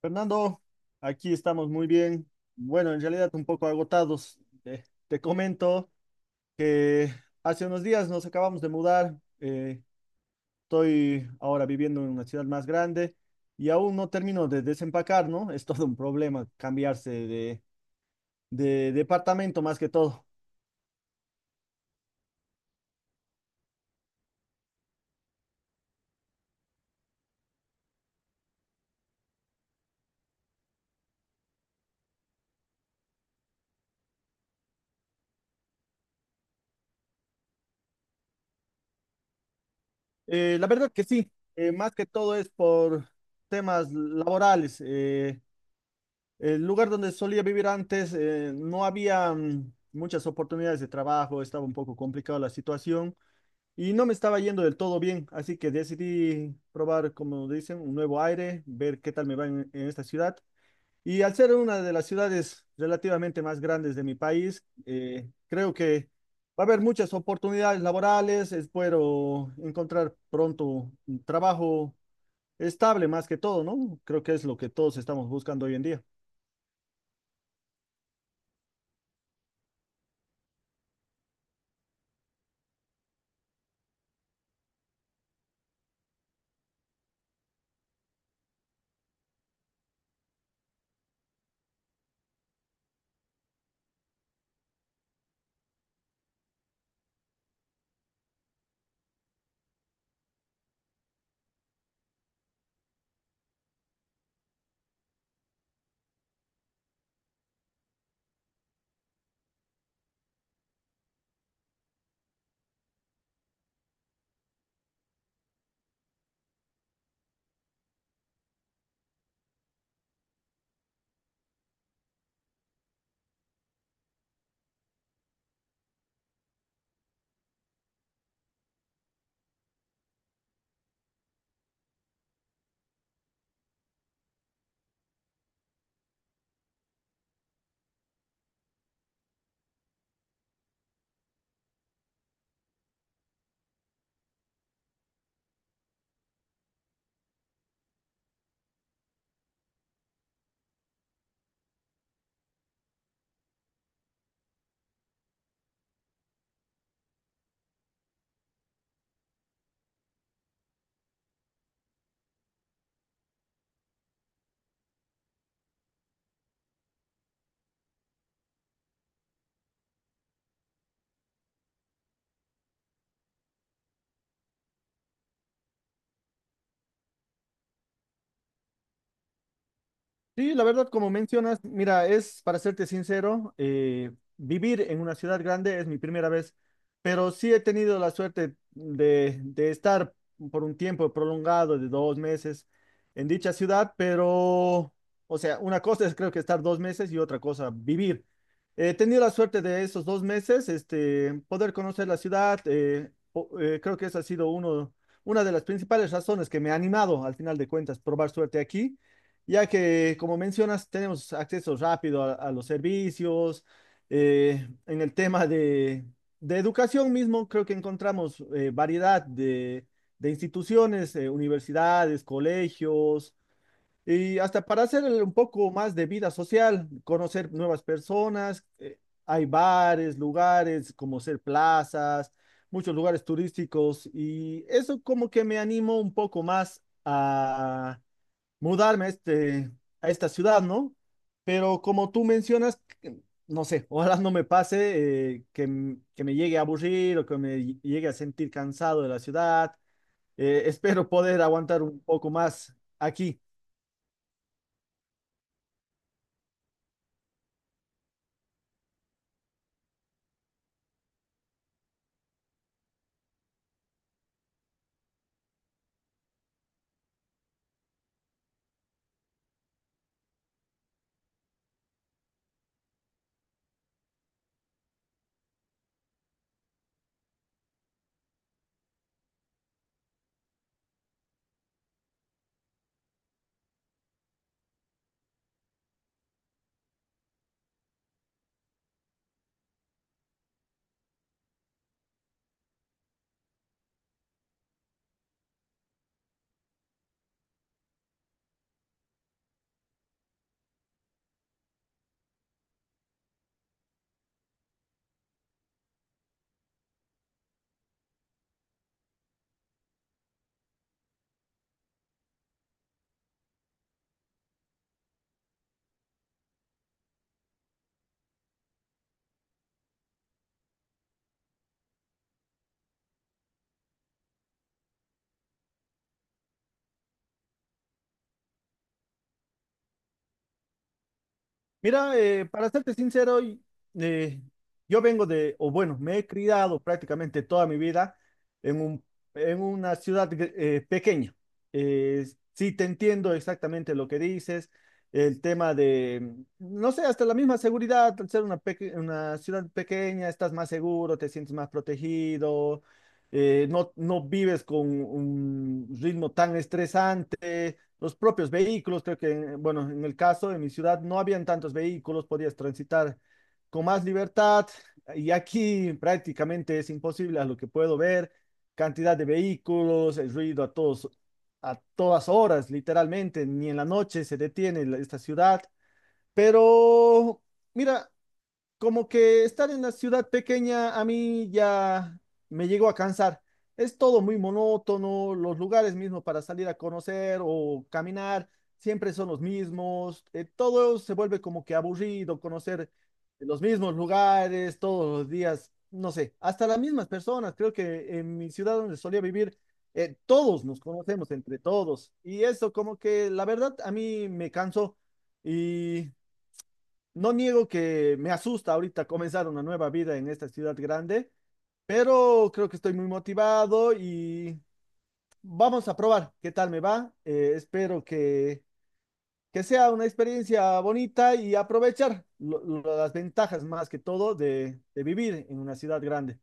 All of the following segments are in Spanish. Fernando, aquí estamos muy bien. Bueno, en realidad un poco agotados. Eh, Te comento que hace unos días nos acabamos de mudar. Estoy ahora viviendo en una ciudad más grande y aún no termino de desempacar, ¿no? Es todo un problema cambiarse de departamento más que todo. La verdad que sí, más que todo es por temas laborales. El lugar donde solía vivir antes, no había muchas oportunidades de trabajo, estaba un poco complicada la situación y no me estaba yendo del todo bien, así que decidí probar, como dicen, un nuevo aire, ver qué tal me va en esta ciudad. Y al ser una de las ciudades relativamente más grandes de mi país, creo que va a haber muchas oportunidades laborales, espero encontrar pronto un trabajo estable más que todo, ¿no? Creo que es lo que todos estamos buscando hoy en día. Sí, la verdad, como mencionas, mira, es para serte sincero, vivir en una ciudad grande es mi primera vez, pero sí he tenido la suerte de estar por un tiempo prolongado de 2 meses en dicha ciudad, pero, o sea, una cosa es creo que estar 2 meses y otra cosa vivir. He tenido la suerte de esos 2 meses, este, poder conocer la ciudad, creo que esa ha sido una de las principales razones que me ha animado, al final de cuentas, probar suerte aquí ya que, como mencionas, tenemos acceso rápido a los servicios. En el tema de educación mismo, creo que encontramos variedad de instituciones, universidades, colegios, y hasta para hacer un poco más de vida social, conocer nuevas personas. Hay bares, lugares como ser plazas, muchos lugares turísticos, y eso como que me animó un poco más a mudarme a esta ciudad, ¿no? Pero como tú mencionas, no sé, ojalá no me pase que me llegue a aburrir o que me llegue a sentir cansado de la ciudad. Espero poder aguantar un poco más aquí. Mira, para serte sincero, eh, yo vengo de, o bueno, me he criado prácticamente toda mi vida en un, en una ciudad pequeña. Eh, sí te entiendo exactamente lo que dices, el tema de, no sé, hasta la misma seguridad, al ser una ciudad pequeña, estás más seguro, te sientes más protegido, no vives con un ritmo tan estresante los propios vehículos. Creo que, bueno, en el caso de mi ciudad no habían tantos vehículos, podías transitar con más libertad y aquí prácticamente es imposible a lo que puedo ver, cantidad de vehículos, el ruido a todas horas, literalmente, ni en la noche se detiene esta ciudad, pero mira, como que estar en la ciudad pequeña a mí ya me llegó a cansar. Es todo muy monótono, los lugares mismos para salir a conocer o caminar siempre son los mismos, todo se vuelve como que aburrido, conocer los mismos lugares todos los días, no sé, hasta las mismas personas. Creo que en mi ciudad donde solía vivir, todos nos conocemos entre todos y eso como que la verdad a mí me cansó. Y no niego que me asusta ahorita comenzar una nueva vida en esta ciudad grande, pero creo que estoy muy motivado y vamos a probar qué tal me va. Espero que sea una experiencia bonita y aprovechar las ventajas más que todo de vivir en una ciudad grande.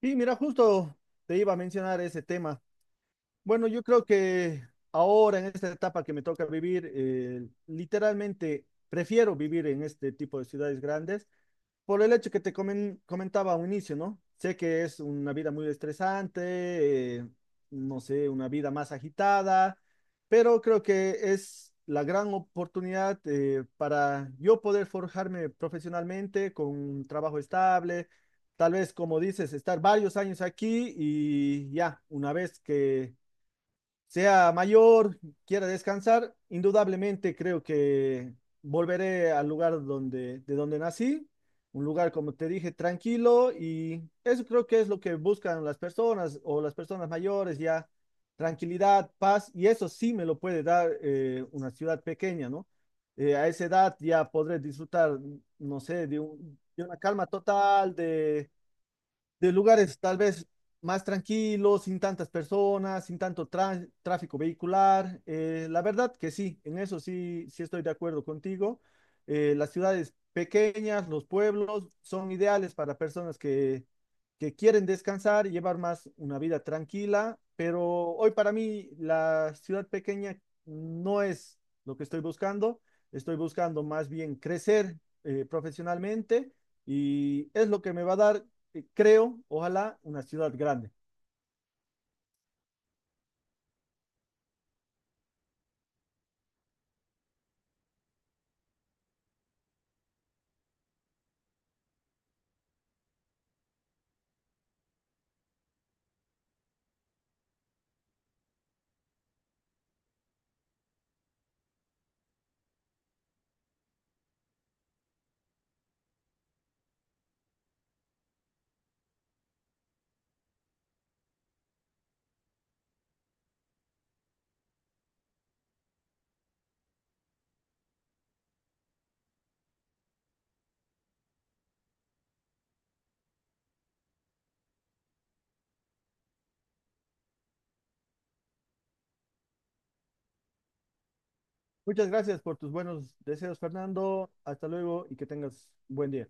Y mira, justo te iba a mencionar ese tema. Bueno, yo creo que ahora en esta etapa que me toca vivir, literalmente prefiero vivir en este tipo de ciudades grandes por el hecho que te comentaba a un inicio, ¿no? Sé que es una vida muy estresante, no sé, una vida más agitada, pero creo que es la gran oportunidad para yo poder forjarme profesionalmente con un trabajo estable, tal vez, como dices, estar varios años aquí y ya, una vez que sea mayor, quiera descansar, indudablemente creo que volveré al lugar donde, de donde nací, un lugar, como te dije, tranquilo y eso creo que es lo que buscan las personas o las personas mayores ya, tranquilidad, paz y eso sí me lo puede dar una ciudad pequeña, ¿no? A esa edad ya podré disfrutar, no sé, de una calma total, de lugares tal vez más tranquilos, sin tantas personas, sin tanto tráfico vehicular. La verdad que sí, en eso sí estoy de acuerdo contigo. Las ciudades pequeñas, los pueblos son ideales para personas que quieren descansar y llevar más una vida tranquila, pero hoy para mí la ciudad pequeña no es lo que estoy buscando. Estoy buscando más bien crecer profesionalmente y es lo que me va a dar creo, ojalá, una ciudad grande. Muchas gracias por tus buenos deseos, Fernando. Hasta luego y que tengas un buen día.